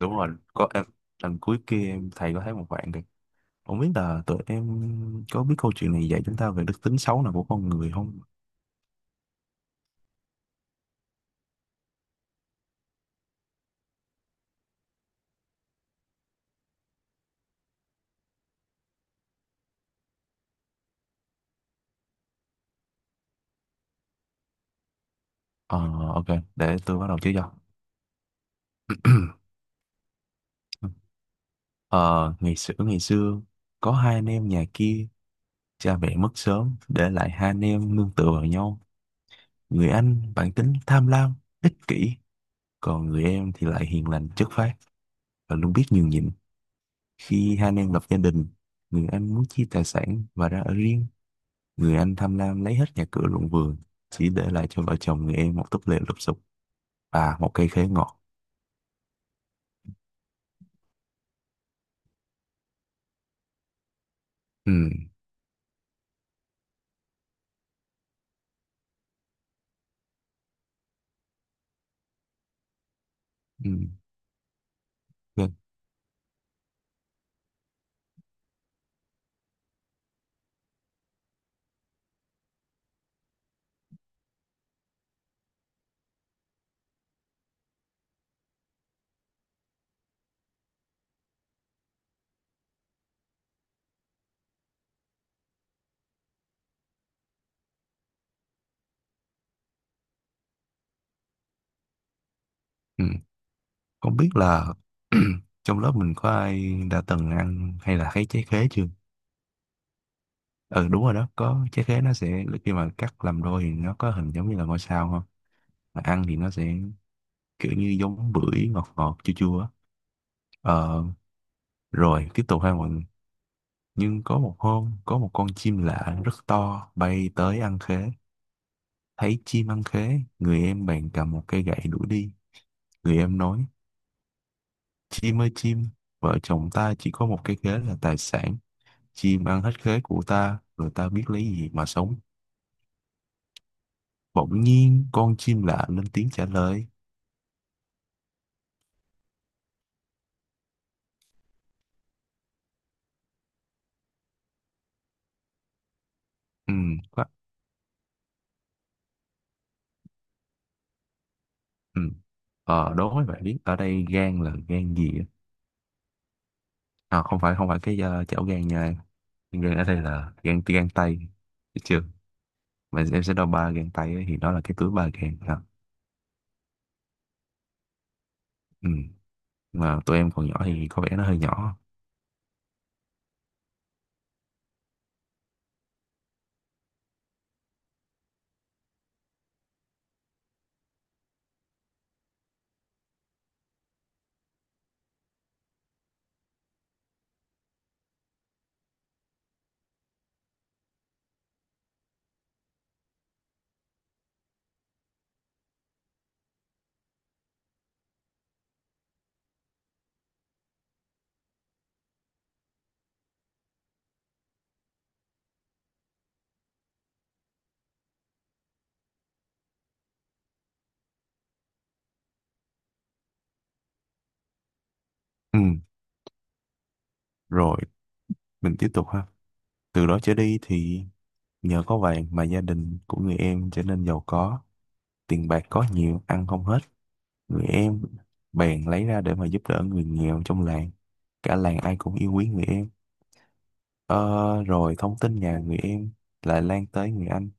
Đúng rồi. Có em. Lần cuối kia em thầy có thấy một bạn kìa. Không biết là tụi em có biết câu chuyện này dạy chúng ta về đức tính xấu nào của con người không. ờ OK, để tôi bắt đầu chứ cho. Ờ Ngày xưa ngày xưa có hai anh em nhà kia, cha mẹ mất sớm để lại hai anh em nương tựa vào nhau. Người anh bản tính tham lam, ích kỷ, còn người em thì lại hiền lành chất phác và luôn biết nhường nhịn. Khi hai anh em lập gia đình, người anh muốn chia tài sản và ra ở riêng. Người anh tham lam lấy hết nhà cửa ruộng vườn, chỉ để lại cho vợ chồng người em một túp lều lụp xụp và một cây khế ngọt. Ừ, ừ, OK, ừ. Không biết là trong lớp mình có ai đã từng ăn hay là thấy trái khế chưa? Ừ, đúng rồi đó, có trái khế nó sẽ khi mà cắt làm đôi thì nó có hình giống như là ngôi sao không? Mà ăn thì nó sẽ kiểu như giống bưởi, ngọt ngọt chua chua á. Ờ, rồi tiếp tục ha mọi người. Nhưng có một hôm, có một con chim lạ rất to bay tới ăn khế. Thấy chim ăn khế, người em bèn cầm một cây gậy đuổi đi. Người em nói, chim ơi chim, vợ chồng ta chỉ có một cây khế là tài sản. Chim ăn hết khế của ta, rồi ta biết lấy gì mà sống. Bỗng nhiên, con chim lạ lên tiếng trả lời. Ừ, quá, ừ. Ờ, đố mấy bạn biết, ở đây gan là gan gì á? À, không phải, không phải cái chảo gan nha. Gan ở đây là gan, gan tay. Được chưa? Mà em sẽ đo ba gan tay á, thì đó là cái túi ba gan. À, ừ. Mà tụi em còn nhỏ thì có vẻ nó hơi nhỏ. Ừ. Rồi mình tiếp tục ha. Từ đó trở đi thì nhờ có vàng mà gia đình của người em trở nên giàu có, tiền bạc có nhiều, ăn không hết. Người em bèn lấy ra để mà giúp đỡ người nghèo trong làng. Cả làng ai cũng yêu quý người em. Ờ, rồi thông tin nhà người em lại lan tới người anh.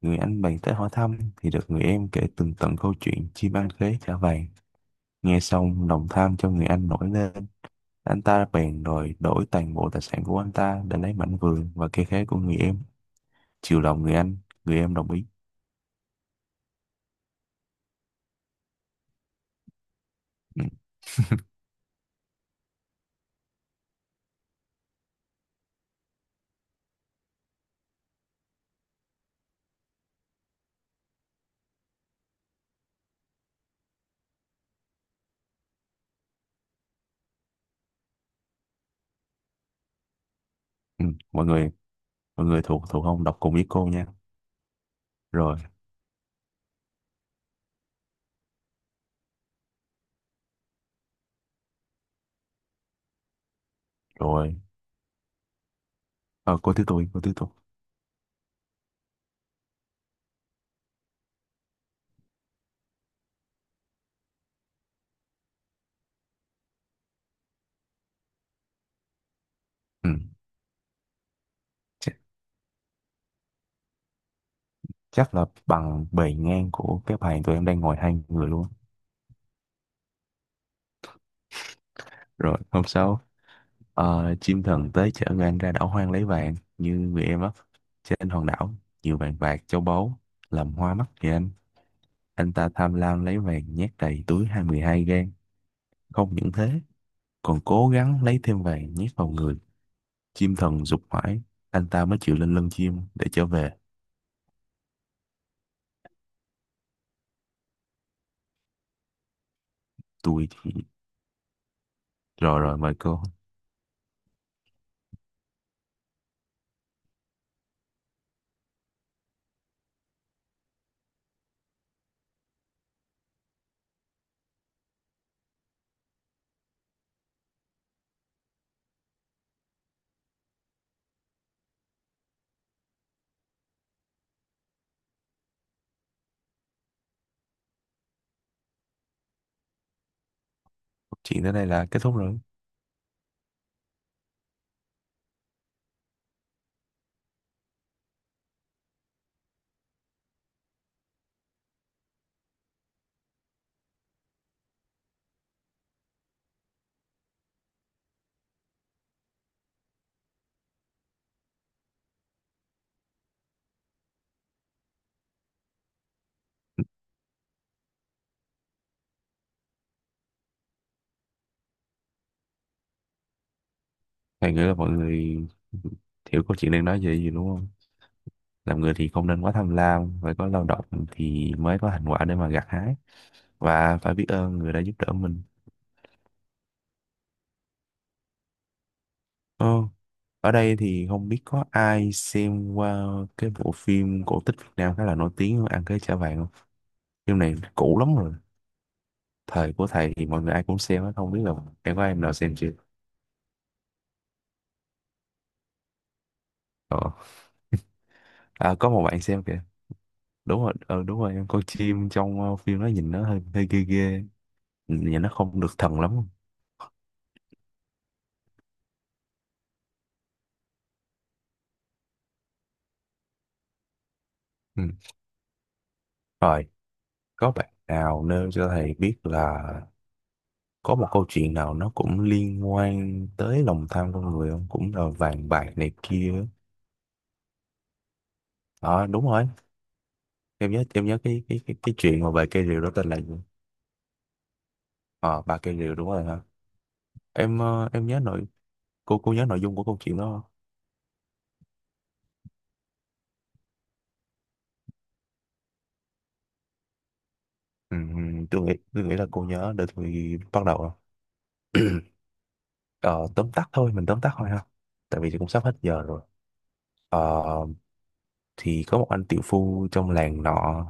Người anh bèn tới hỏi thăm thì được người em kể tường tận câu chuyện chim ăn khế trả vàng. Nghe xong lòng tham trong người anh nổi lên. Anh ta bèn đòi đổi toàn bộ tài sản của anh ta để lấy mảnh vườn và cây khế của người em. Chiều lòng người anh, người em đồng ý. Ừ. Ừ. Mọi người, mọi người thuộc thuộc không, đọc cùng với cô nha. Rồi, rồi. Ờ, cô thứ tôi, cô thứ tôi. Ừ. Chắc, chắc là bằng bề ngang của cái bàn tụi em đang ngồi hai người luôn. Rồi hôm sau, chim thần tới chở người anh ra đảo hoang lấy vàng như người em á. Trên hòn đảo nhiều vàng bạc châu báu làm hoa mắt người anh. Anh ta tham lam lấy vàng nhét đầy túi 22 gang. Không những thế, còn cố gắng lấy thêm vàng nhét vào người. Chim thần giục mãi, anh ta mới chịu lên lưng chim để trở về. Tôi thì rồi, rồi mời cô. Câu chuyện tới đây là kết thúc rồi. Thầy nghĩ là mọi người hiểu câu chuyện đang nói về gì đúng không. Làm người thì không nên quá tham lam, phải có lao động thì mới có thành quả để mà gặt hái, và phải biết ơn người đã giúp đỡ mình. Ồ, ở đây thì không biết có ai xem qua cái bộ phim cổ tích Việt Nam khá là nổi tiếng Ăn Cái Chả Vàng không. Phim này cũ lắm rồi, thời của thầy thì mọi người ai cũng xem á, không biết là em có em nào xem chưa. Ờ. À, có một bạn xem kìa. Đúng rồi, đúng rồi, em coi chim trong phim nó nhìn nó hơi hơi ghê ghê, nhìn nó không được thần lắm. Ừ. Rồi có bạn nào nêu cho thầy biết là có một câu chuyện nào nó cũng liên quan tới lòng tham con người không, cũng là vàng bạc này kia á. Ờ đúng rồi, em nhớ cái cái chuyện mà về cây rìu đó tên là gì. Ờ ba cây rìu đúng rồi hả. Em ờ, em nhớ nội Cô nhớ nội dung của câu chuyện đó không? Ừ, tôi nghĩ là cô nhớ để tôi bắt đầu. Ờ, tóm tắt thôi, mình tóm tắt thôi ha. Tại vì cũng sắp hết giờ rồi. Ờ, thì có một anh tiểu phu trong làng nọ,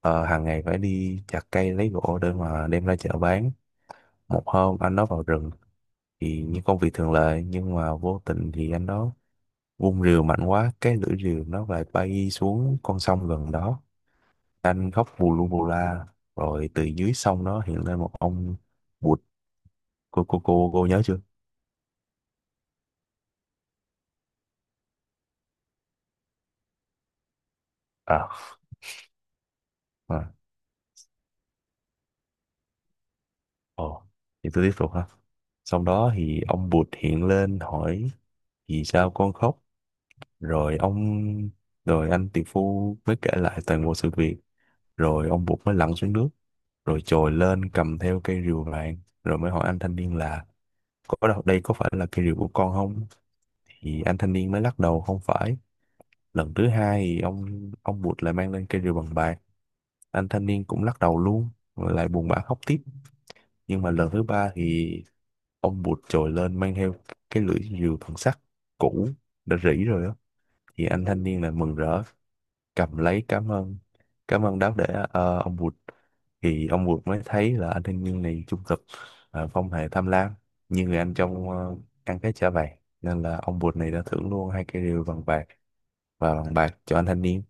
hàng ngày phải đi chặt cây lấy gỗ để mà đem ra chợ bán. Một hôm anh đó vào rừng thì như công việc thường lệ, nhưng mà vô tình thì anh đó vung rìu mạnh quá, cái lưỡi rìu nó lại bay xuống con sông gần đó. Anh khóc bù lu bù la, rồi từ dưới sông đó hiện lên một ông bụt. Cô nhớ chưa? À, à. Ồ, thì tôi tiếp tục ha. Xong đó thì ông bụt hiện lên hỏi vì sao con khóc. Rồi ông, Rồi anh tỷ phu mới kể lại toàn bộ sự việc. Rồi ông bụt mới lặn xuống nước. Rồi trồi lên cầm theo cây rìu vàng. Rồi mới hỏi anh thanh niên là có đâu đây có phải là cây rìu của con không? Thì anh thanh niên mới lắc đầu không phải. Lần thứ hai thì ông bụt lại mang lên cây rìu bằng bạc. Anh thanh niên cũng lắc đầu luôn. Rồi lại buồn bã khóc tiếp. Nhưng mà lần thứ ba thì ông bụt trồi lên mang theo cái lưỡi rìu bằng sắt cũ đã rỉ rồi á. Thì anh thanh niên là mừng rỡ, cầm lấy cảm ơn. Cảm ơn đáo để ông bụt. Thì ông bụt mới thấy là anh thanh niên này trung thực, không hề tham lam như người anh trong ăn cái chả vàng. Nên là ông bụt này đã thưởng luôn hai cái rìu bằng bạc và bằng bạc cho anh thanh niên.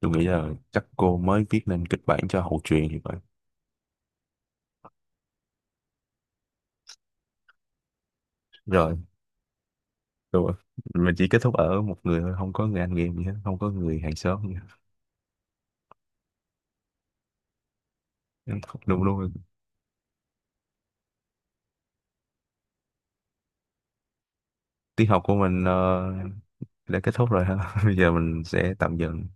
Tôi nghĩ là chắc cô mới viết nên kịch bản cho hậu truyện thì phải. Rồi, rồi. Mình chỉ kết thúc ở một người thôi, không có người anh em gì hết, không có người hàng xóm gì hết. Đúng luôn. Tiết học của mình đã kết thúc rồi ha. Bây giờ mình sẽ tạm dừng